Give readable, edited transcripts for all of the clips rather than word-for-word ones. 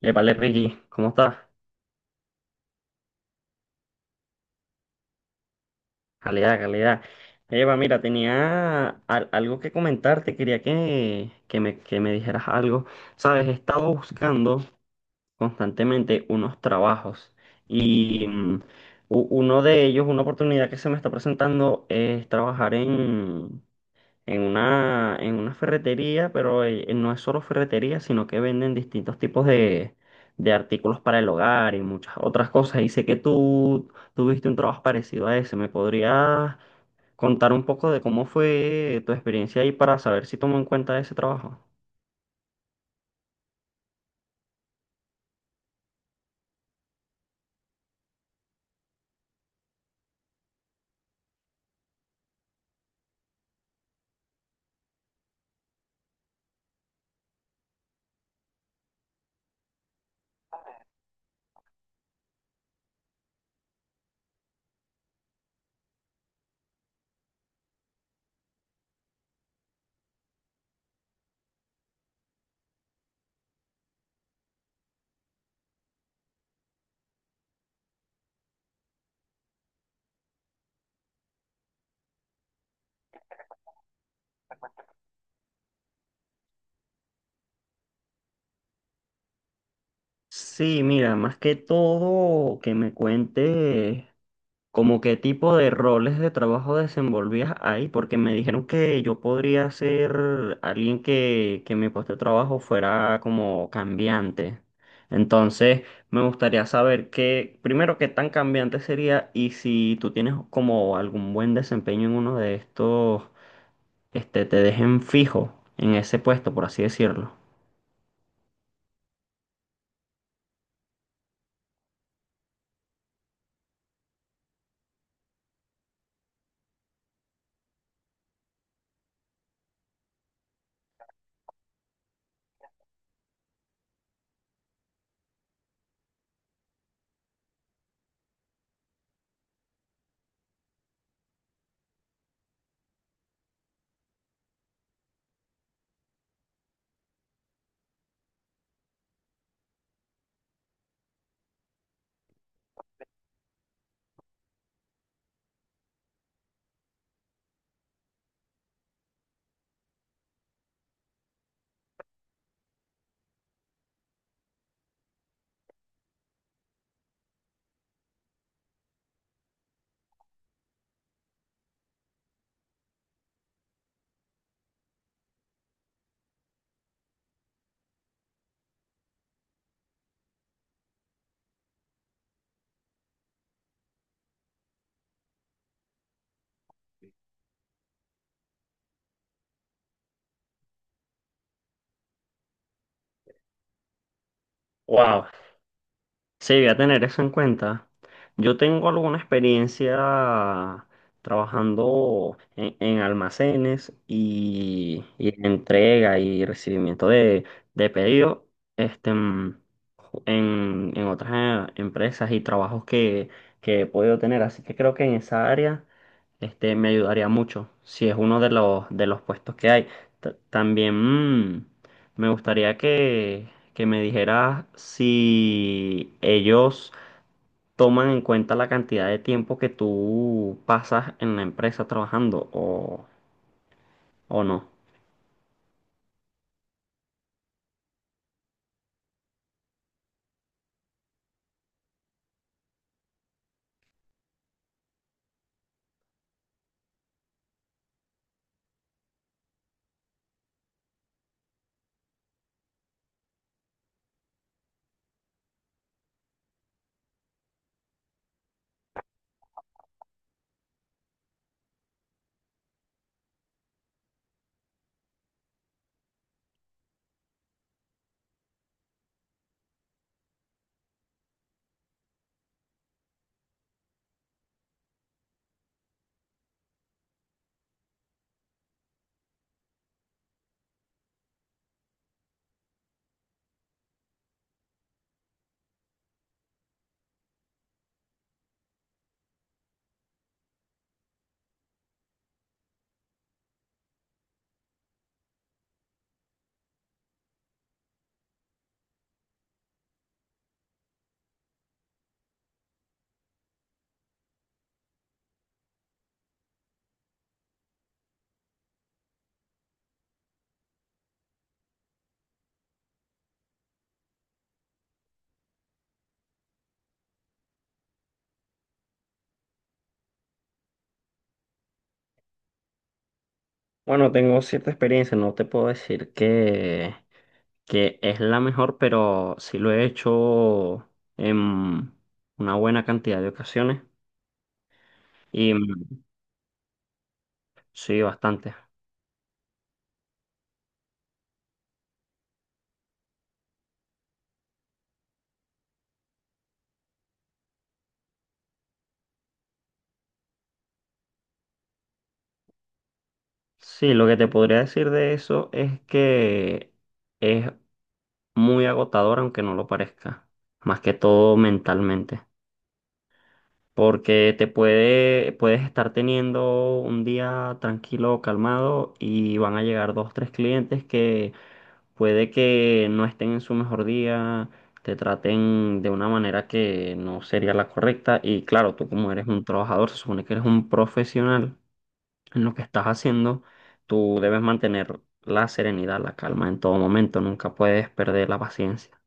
Vale, Ricky, ¿cómo estás? Calidad, calidad. Eva, mira, tenía algo que comentarte, quería que me dijeras algo. Sabes, he estado buscando constantemente unos trabajos y uno de ellos, una oportunidad que se me está presentando es trabajar en en una ferretería, pero no es solo ferretería, sino que venden distintos tipos de artículos para el hogar y muchas otras cosas. Y sé que tú tuviste un trabajo parecido a ese. ¿Me podrías contar un poco de cómo fue tu experiencia ahí para saber si tomo en cuenta ese trabajo? Sí, mira, más que todo que me cuentes como qué tipo de roles de trabajo desenvolvías ahí, porque me dijeron que yo podría ser alguien que mi puesto de trabajo fuera como cambiante. Entonces, me gustaría saber qué, primero, qué tan cambiante sería y si tú tienes como algún buen desempeño en uno de estos, este, te dejen fijo en ese puesto, por así decirlo. Wow, sí, voy a tener eso en cuenta. Yo tengo alguna experiencia trabajando en almacenes y en entrega y recibimiento de pedidos este, en otras empresas y trabajos que he podido tener. Así que creo que en esa área este, me ayudaría mucho si es uno de los puestos que hay. También... me gustaría que me dijeras si ellos toman en cuenta la cantidad de tiempo que tú pasas en la empresa trabajando o no. Bueno, tengo cierta experiencia, no te puedo decir que es la mejor, pero sí lo he hecho en una buena cantidad de ocasiones y sí, bastante. Sí, lo que te podría decir de eso es que es muy agotador, aunque no lo parezca, más que todo mentalmente, porque te puedes estar teniendo un día tranquilo, calmado, y van a llegar dos, tres clientes que puede que no estén en su mejor día, te traten de una manera que no sería la correcta, y claro, tú como eres un trabajador, se supone que eres un profesional en lo que estás haciendo, tú debes mantener la serenidad, la calma en todo momento, nunca puedes perder la paciencia.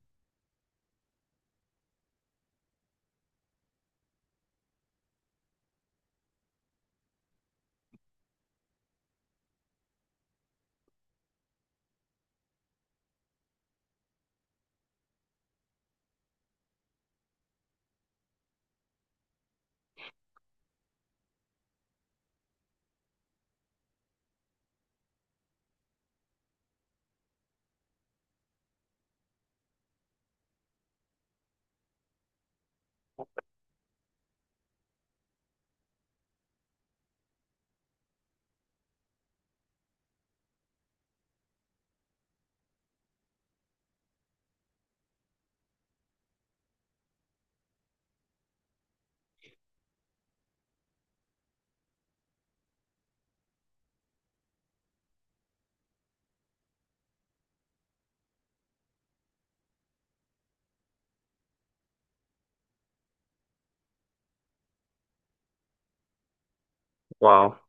Wow.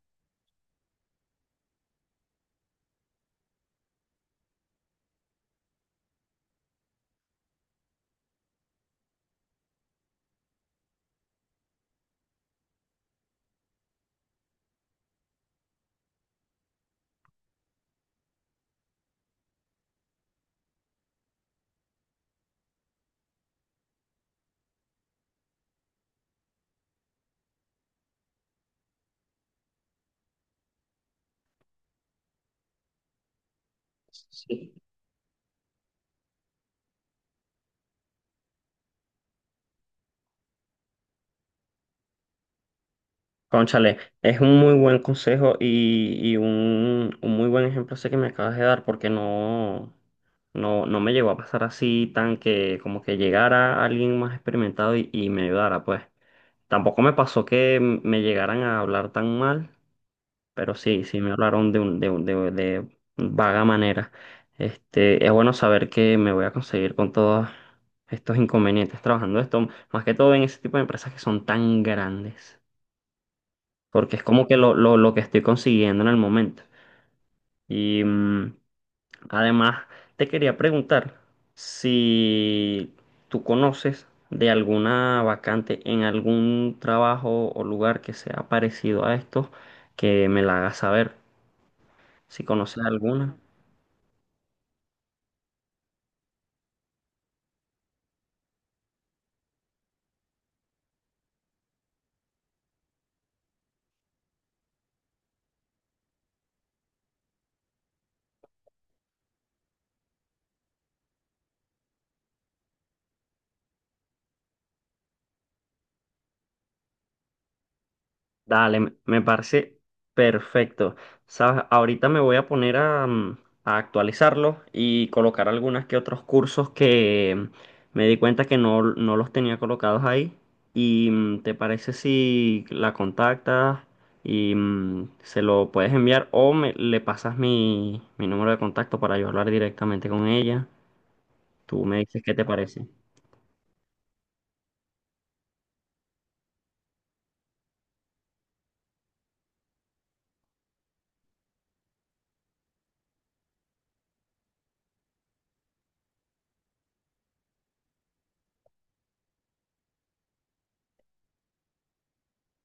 Sí. Cónchale, es un muy buen consejo y un muy buen ejemplo ese que me acabas de dar, porque no me llegó a pasar así tan que como que llegara alguien más experimentado y me ayudara, pues. Tampoco me pasó que me llegaran a hablar tan mal, pero sí, sí me hablaron de de vaga manera. Este, es bueno saber que me voy a conseguir con todos estos inconvenientes trabajando esto, más que todo en ese tipo de empresas que son tan grandes. Porque es como que lo que estoy consiguiendo en el momento. Y además te quería preguntar si tú conoces de alguna vacante en algún trabajo o lugar que sea parecido a estos, que me la hagas saber, si conoces alguna. Dale, me parece perfecto. Sabes, ahorita me voy a poner a, a actualizarlo y colocar algunas que otros cursos que me di cuenta que no, no los tenía colocados ahí. ¿Y te parece si la contactas y se lo puedes enviar o me, le pasas mi número de contacto para yo hablar directamente con ella? Tú me dices qué te parece.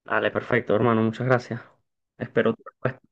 Dale, perfecto, hermano, muchas gracias. Espero tu respuesta.